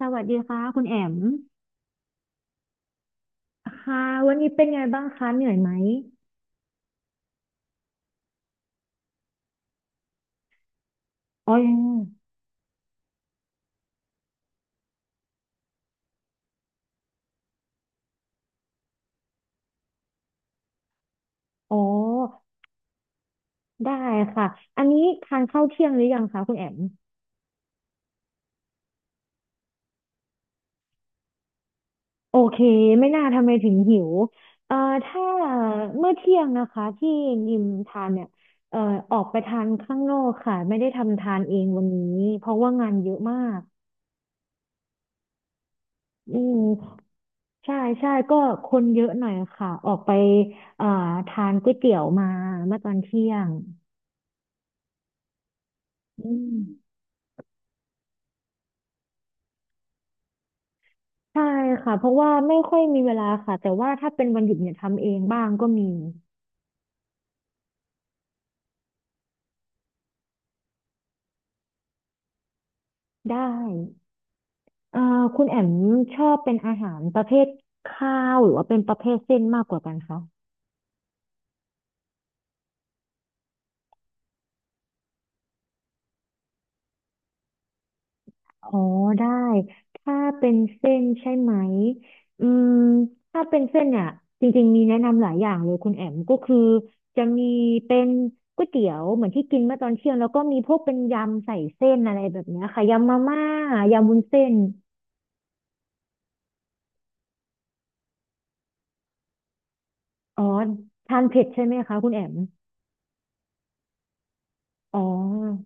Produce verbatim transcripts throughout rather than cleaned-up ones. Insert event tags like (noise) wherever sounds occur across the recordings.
สวัสดีค่ะคุณแอมค่ะวันนี้เป็นไงบ้างคะเหนื่อยไหมอ๋อยังอ๋อได้ค่ะอันนี้ทานข้าวเที่ยงหรือยังคะคุณแอมโอเคไม่น่าทำไมถึงหิวเอ่อถ้าเมื่อเที่ยงนะคะที่ยิมทานเนี่ยเอ่อออกไปทานข้างนอกค่ะไม่ได้ทำทานเองวันนี้เพราะว่างานเยอะมากอืมใช่ใช่ก็คนเยอะหน่อยค่ะออกไปเอ่อทานก๋วยเตี๋ยวมาเมื่อตอนเที่ยงอืม ใช่ค่ะเพราะว่าไม่ค่อยมีเวลาค่ะแต่ว่าถ้าเป็นวันหยุดเนี่ยทำเองบ้างก็มีได้เอ่อคุณแอมชอบเป็นอาหารประเภทข้าวหรือว่าเป็นประเภทเส้นมากกว่ากันคะอ๋อได้ถ้าเป็นเส้นใช่ไหมอืมถ้าเป็นเส้นเนี่ยจริงๆมีแนะนำหลายอย่างเลยคุณแอมก็คือจะมีเป็นก๋วยเตี๋ยวเหมือนที่กินเมื่อตอนเที่ยงแล้วก็มีพวกเป็นยำใส่เส้นอะไรแบบเนี้ยค่ะยำมาม่ายำวุ้นเส้น อ๋อทานเผ็ดใช่ไหมคะคุณแอมอ๋อ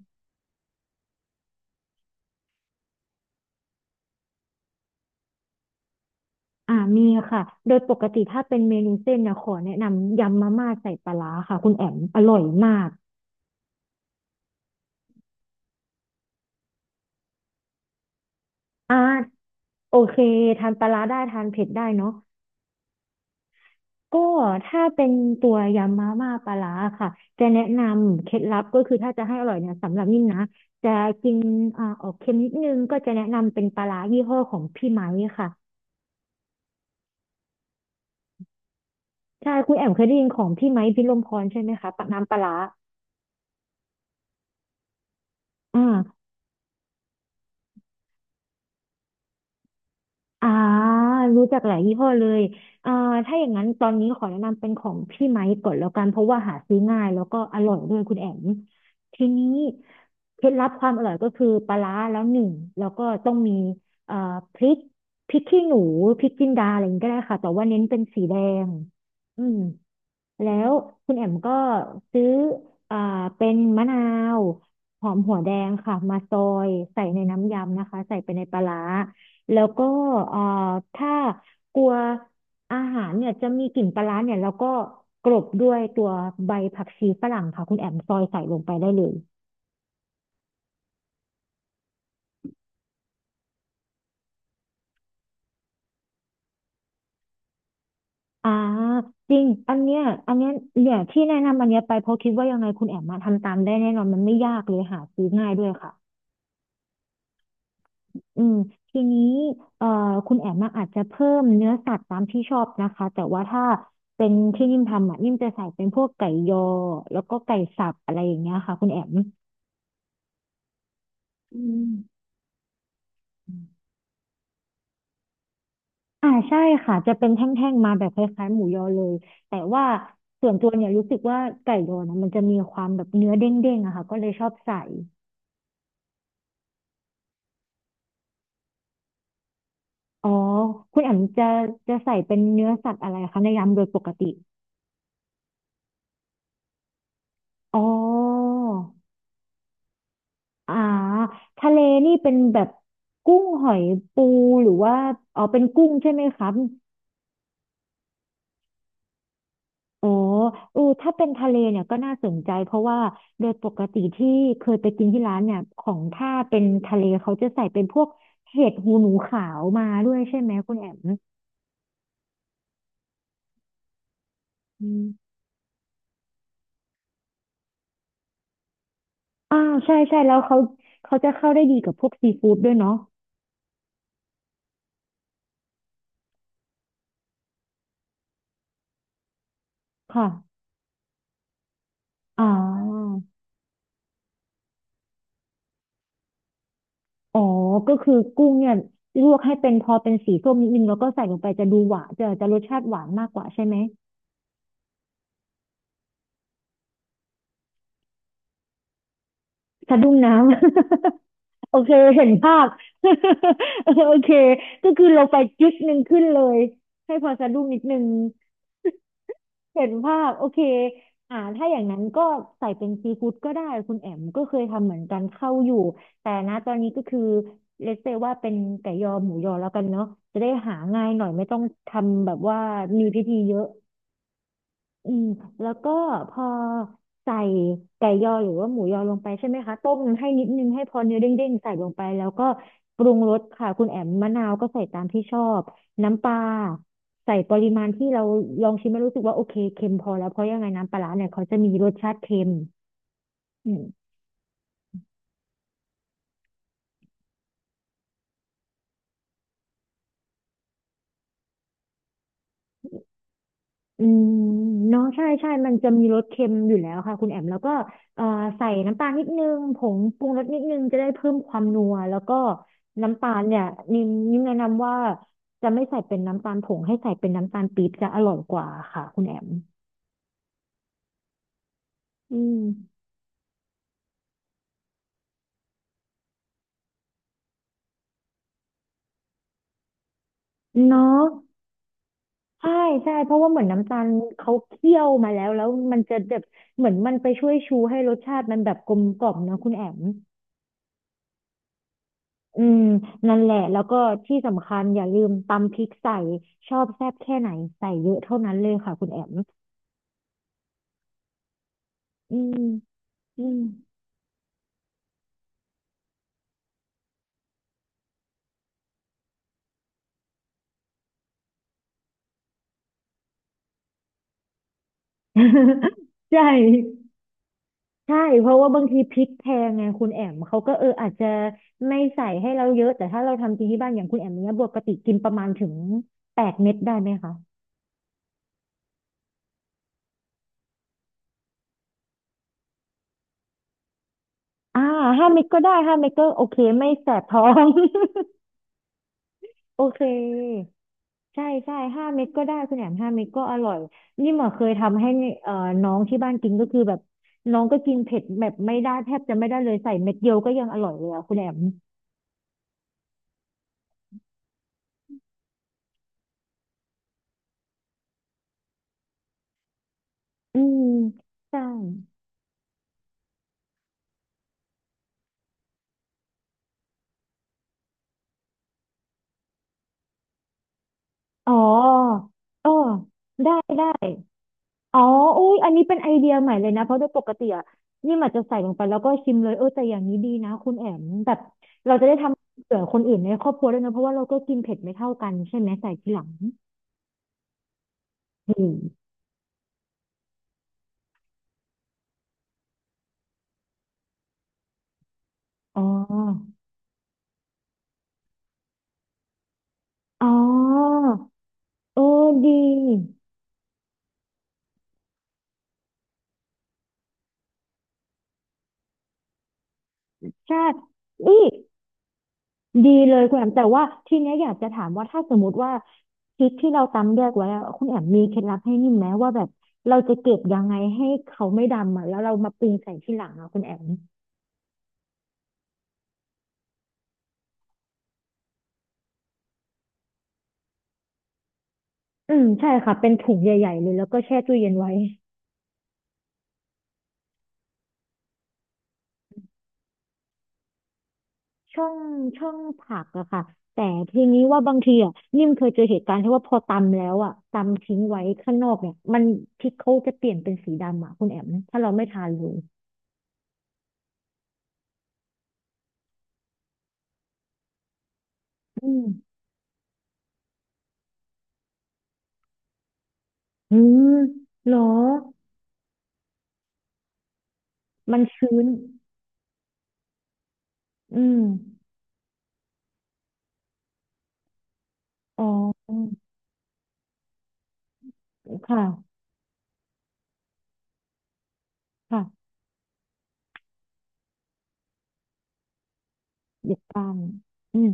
อ่ามีค่ะโดยปกติถ้าเป็นเมนูเส้นนะขอแนะนำยำมาม่าใส่ปลาร้าค่ะคุณแอมอร่อยมากอ่าโอเคทานปลาร้าได้ทานเผ็ดได้เนาะก็ถ้าเป็นตัวยำมาม่าปลาร้าค่ะจะแนะนำเคล็ดลับก็คือถ้าจะให้อร่อยเนี่ยสำหรับนิ่มนะจะกินอ่าออกเค็มนิดนึงก็จะแนะนำเป็นปลาร้ายี่ห้อของพี่ไม้ค่ะใช่คุณแอมเคยได้ยินของพี่ไม้พิรมพรใช่ไหมคะปะน้ำปลาร้าอ่า อ่ารู้จักหลายยี่ห้อเลยอ่าถ้าอย่างนั้นตอนนี้ขอแนะนำเป็นของพี่ไมค์ก่อนแล้วกันเพราะว่าหาซื้อง่ายแล้วก็อร่อยด้วยคุณแอมทีนี้เคล็ดลับความอร่อยก็คือปลาร้าแล้วหนึ่งแล้วก็ต้องมีเอ่อพริกพริกขี้หนูพริกจินดาอะไรอย่างนี้ก็ได้ค่ะแต่ว่าเน้นเป็นสีแดงอืมแล้วคุณแอมก็ซื้ออ่าเป็นมะนาวหอมหัวแดงค่ะมาซอยใส่ในน้ำยำนะคะใส่ไปในปลาร้า แล้วก็เอ่อถ้ากลัวอาหารเนี่ยจะมีกลิ่นปลาร้าเนี่ยแล้วก็กลบด้วยตัวใบผักชีฝรั่งค่ะคุณแอมซอยใส่ลงไปได้เลยอ่าจริงอันเนี้ยอันเนี้ยเนี่ยที่แนะนำอันเนี้ยไปเพราะคิดว่ายังไงคุณแอมมาทำตามได้แน่นอนมันไม่ยากเลยหาซื้อง่ายด้วยค่ะอืมทีนี้เอ่อคุณแอมมอาจจะเพิ่มเนื้อสัตว์ตามที่ชอบนะคะแต่ว่าถ้าเป็นที่นิ่มทำอ่ะนิ่มจะใส่เป็นพวกไก่ยอแล้วก็ไก่สับอะไรอย่างเงี้ยค่ะคุณแอมอืม อ่าใช่ค่ะจะเป็นแท่งๆมาแบบคล้ายๆหมูยอเลยแต่ว่าส่วนตัวเนี่ยรู้สึกว่าไก่ยอนะมันจะมีความแบบเนื้อเด้งๆอะค่ะก็เลยชอบใส่อ๋อคุณแอมจะจะใส่เป็นเนื้อสัตว์อะไรคะในยำโดยปกติอ๋ออ่าทะเลนี่เป็นแบบกุ้งหอยปูหรือว่าอ๋อเป็นกุ้งใช่ไหมครับ โอ้อเออถ้าเป็นทะเลเนี่ยก็น่าสนใจเพราะว่าโดยปกติที่เคยไปกินที่ร้านเนี่ยของถ้าเป็นทะเลเขาจะใส่เป็นพวกเห็ดหูหนูขาวมาด้วยใช่ไหมคุณแอมอืมอ่าใช่ใช่แล้วเขาเขาจะเข้าได้ดีกับพวกซีฟู้ดด้วยเนาะค่ะอ่าอ๋อก็คือกุ้งเนี่ยลวกให้เป็นพอเป็นสีส้มนิดนึงแล้วก็ใส่ลงไปจะดูหวานจะจะรสชาติหวานมากกว่าใช่ไหมสะดุ้งน้ำ โอเคเห็นภาพ (laughs) เออโอเคก็คือเราไปจุดหนึ่งขึ้นเลยให้พอสะดุ้งนิดนึง (laughs) เห็นภาพโอเคอ่าถ้าอย่างนั้นก็ใส่เป็นซีฟู้ดก็ได้คุณแอมก็เคยทำเหมือนกันเข้าอยู่แต่นะตอนนี้ก็คือเลสเซว่าเป็นไก่ยอหมูยอแล้วกันเนาะจะได้หาง่ายหน่อยไม่ต้องทำแบบว่ามีพิธีเยอะ อืมแล้วก็พอใส่ไก่ยอหรือว่าหมูยอลงไปใช่ไหมคะต้มให้นิดนึงให้พอเนื้อเด้งๆใส่ลงไปแล้วก็ปรุงรสค่ะคุณแอมมะนาวก็ใส่ตามที่ชอบน้ำปลาใส่ปริมาณที่เราลองชิมแล้วรู้สึกว่าโอเคเค็มพอแล้วเพราะยังไงน้ำปลาร้าเนี่ยเขาจะมีรสชาติเค็มอืม อืมเนาะใช่ใช่ มันจะมีรสเค็มอยู่แล้วค่ะคุณแอมแล้วก็เอ่อใส่น้ำตาลนิดนึงผงปรุงรสนิดนึงจะได้เพิ่มความนัวแล้วก็น้ำตาลเนี่ยนิมนิมแนะนำว่าจะไม่ใส่เป็นน้ำตาลผงให้ใส่เป็นน้ำตาลปี๊บจะอร่อยกว่าค่ะคุณแอมอืมเนาะใช่ใช่เพราะว่าเหมือนน้ำตาลเขาเคี่ยวมาแล้วแล้วมันจะแบบเหมือนมันไปช่วยชูให้รสชาติมันแบบกลมกล่อมเนอะคุณแอม อืมนั่นแหละแล้วก็ที่สำคัญอย่าลืมตำพริกใส่ชอบแซ่บแค่ไหนใส่เยอะเท่านั้นเลยค่ะคุณแอมอืมอืม (laughs) ใช่ใช่เพราะว่าบางทีพริกแพงไงคุณแอมเขาก็เอออาจจะไม่ใส่ให้เราเยอะแต่ถ้าเราทำกินที่บ้านอย่างคุณแอมเนี้ยปกติกินประมาณถึงแปดเม็ดได้ไหมคะอ่าห้าเม็ดก็ได้ห้าเม็ดก็โอเคไม่แสบท้อง (laughs) โอเค ใช่ใช่ห้าเม็ดก็ได้คุณแหนมห้าเม็ดก็อร่อยนี่หมอเคยทำให้เอ่อน้องที่บ้านกินก็คือแบบน้องก็กินเผ็ดแบบไม่ได้แทบจะไม่ได้เลยใส่เม็ดเดียวก็ยังอร่อยเลยอะคุณแหนมอืมใช่อ๋ออ๋อได้ได้อ๋ออุ้ยอันนี้เป็นไอเดียใหม่เลยนะเพราะโดยปกติอะนี่มันจะใส่ลงไปแล้วก็ชิมเลยเออแต่อย่างนี้ดีนะคุณแอมแบบเราจะได้ทำเผื่อคนอื่นในครอบครัวด้วยนะเพราะว่าเราก็กินเผ็ดไม่เท่ากันใช่ไหมใส่ทีหลังอืมอ๋อ อ๋อ เออดีใช่นี่ดีเลยคุณแอม แต่ว่าทีเนี้ยอยากจะถามว่าถ้าสมมติว่าพริกที่เราตำแยกไว้อะคุณแอมมีเคล็ดลับให้นิ่มไหมว่าแบบเราจะเก็บยังไงให้เขาไม่ดำอ่ะแล้วเรามาปรุงใส่ทีหลังอะคุณแอมอืมใช่ค่ะเป็นถุงใหญ่ๆเลยแล้วก็แช่ตู้เย็นไว้ช่องช่องผักอะค่ะแต่ทีนี้ว่าบางทีอะนิ่มเคยเจอเหตุการณ์ที่ว่าพอตำแล้วอะตำทิ้งไว้ข้างนอกเนี่ยมันพริกเขาจะเปลี่ยนเป็นสีดำอะคุณแอมถ้าเราไม่ทานเลย อืมอืมเหรอ มันชื้นอืมอ๋อค่ะค่ะเด็ดก้านอืม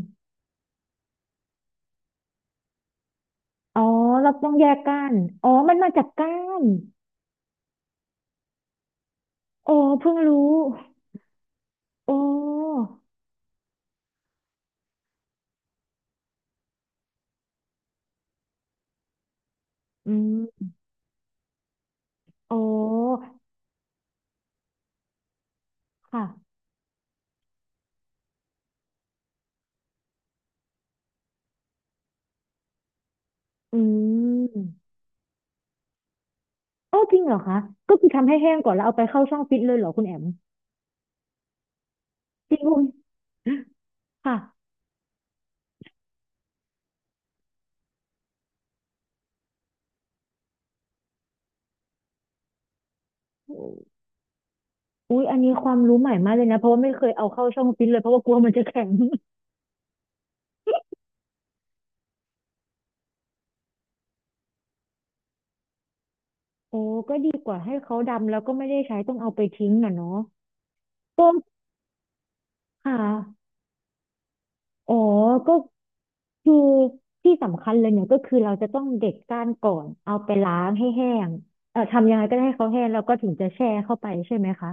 อ๋อเราต้องแยกก้านอ๋อมันมาจากก้านอ๋อเพิ่งรู้โอ้อืมโอ้ค่ะอืมโอ้จริงเหรอคะก็คือทำให้แห้งก่อนแล้วเอาไปเข้าช่องฟิตเลยเหรอคุณแอมจริงคุณค่ะอุ๊ยอันนี้ความรู้ใหม่มากเลยนะ เพราะว่าไม่เคยเอาเข้าช่องฟิตเลย เพราะว่ากลัวมันจะแข็ง โอ้ก็ดีกว่าให้เขาดำแล้วก็ไม่ได้ใช้ต้องเอาไปทิ้งน่ะเนาะก็ค่ะอ๋อก็คือที่สำคัญเลยเนี่ยก็คือเราจะต้องเด็ดก้านก่อนเอาไปล้างให้แห้งเอ่อทำยังไงก็ได้ให้เขาแห้งแล้วก็ถึงจะแช่เข้าไปใช่ไหมคะ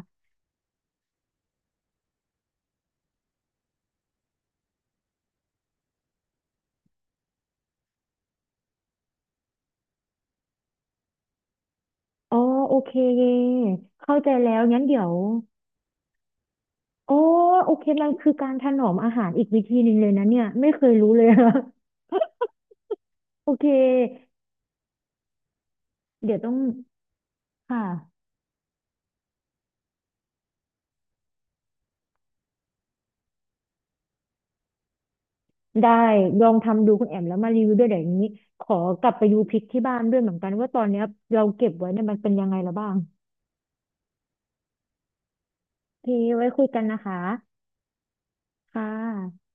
อ๋อโอเคเข้าใจแล้วงั้นเดี๋ยวโอ้โอเคมันคือการถนอมอาหารอีกวิธีหนึ่งเลยนะเนี่ยไม่เคยรู้เลยอะ (laughs) โอเคเดี๋ยวต้องค่ะ ได้ลองทำดูคุณแอมแล้วมารีวิวด้วยเดี๋ยวนี้ขอกลับไปดูพริกที่บ้านด้วยเหมือนกันว่าตอนเนี้ยเราเก็บไว้เนี่ยมันเป็นยังไงแล้วบ้างโอเคไว้คุยกันนะคะค่ะ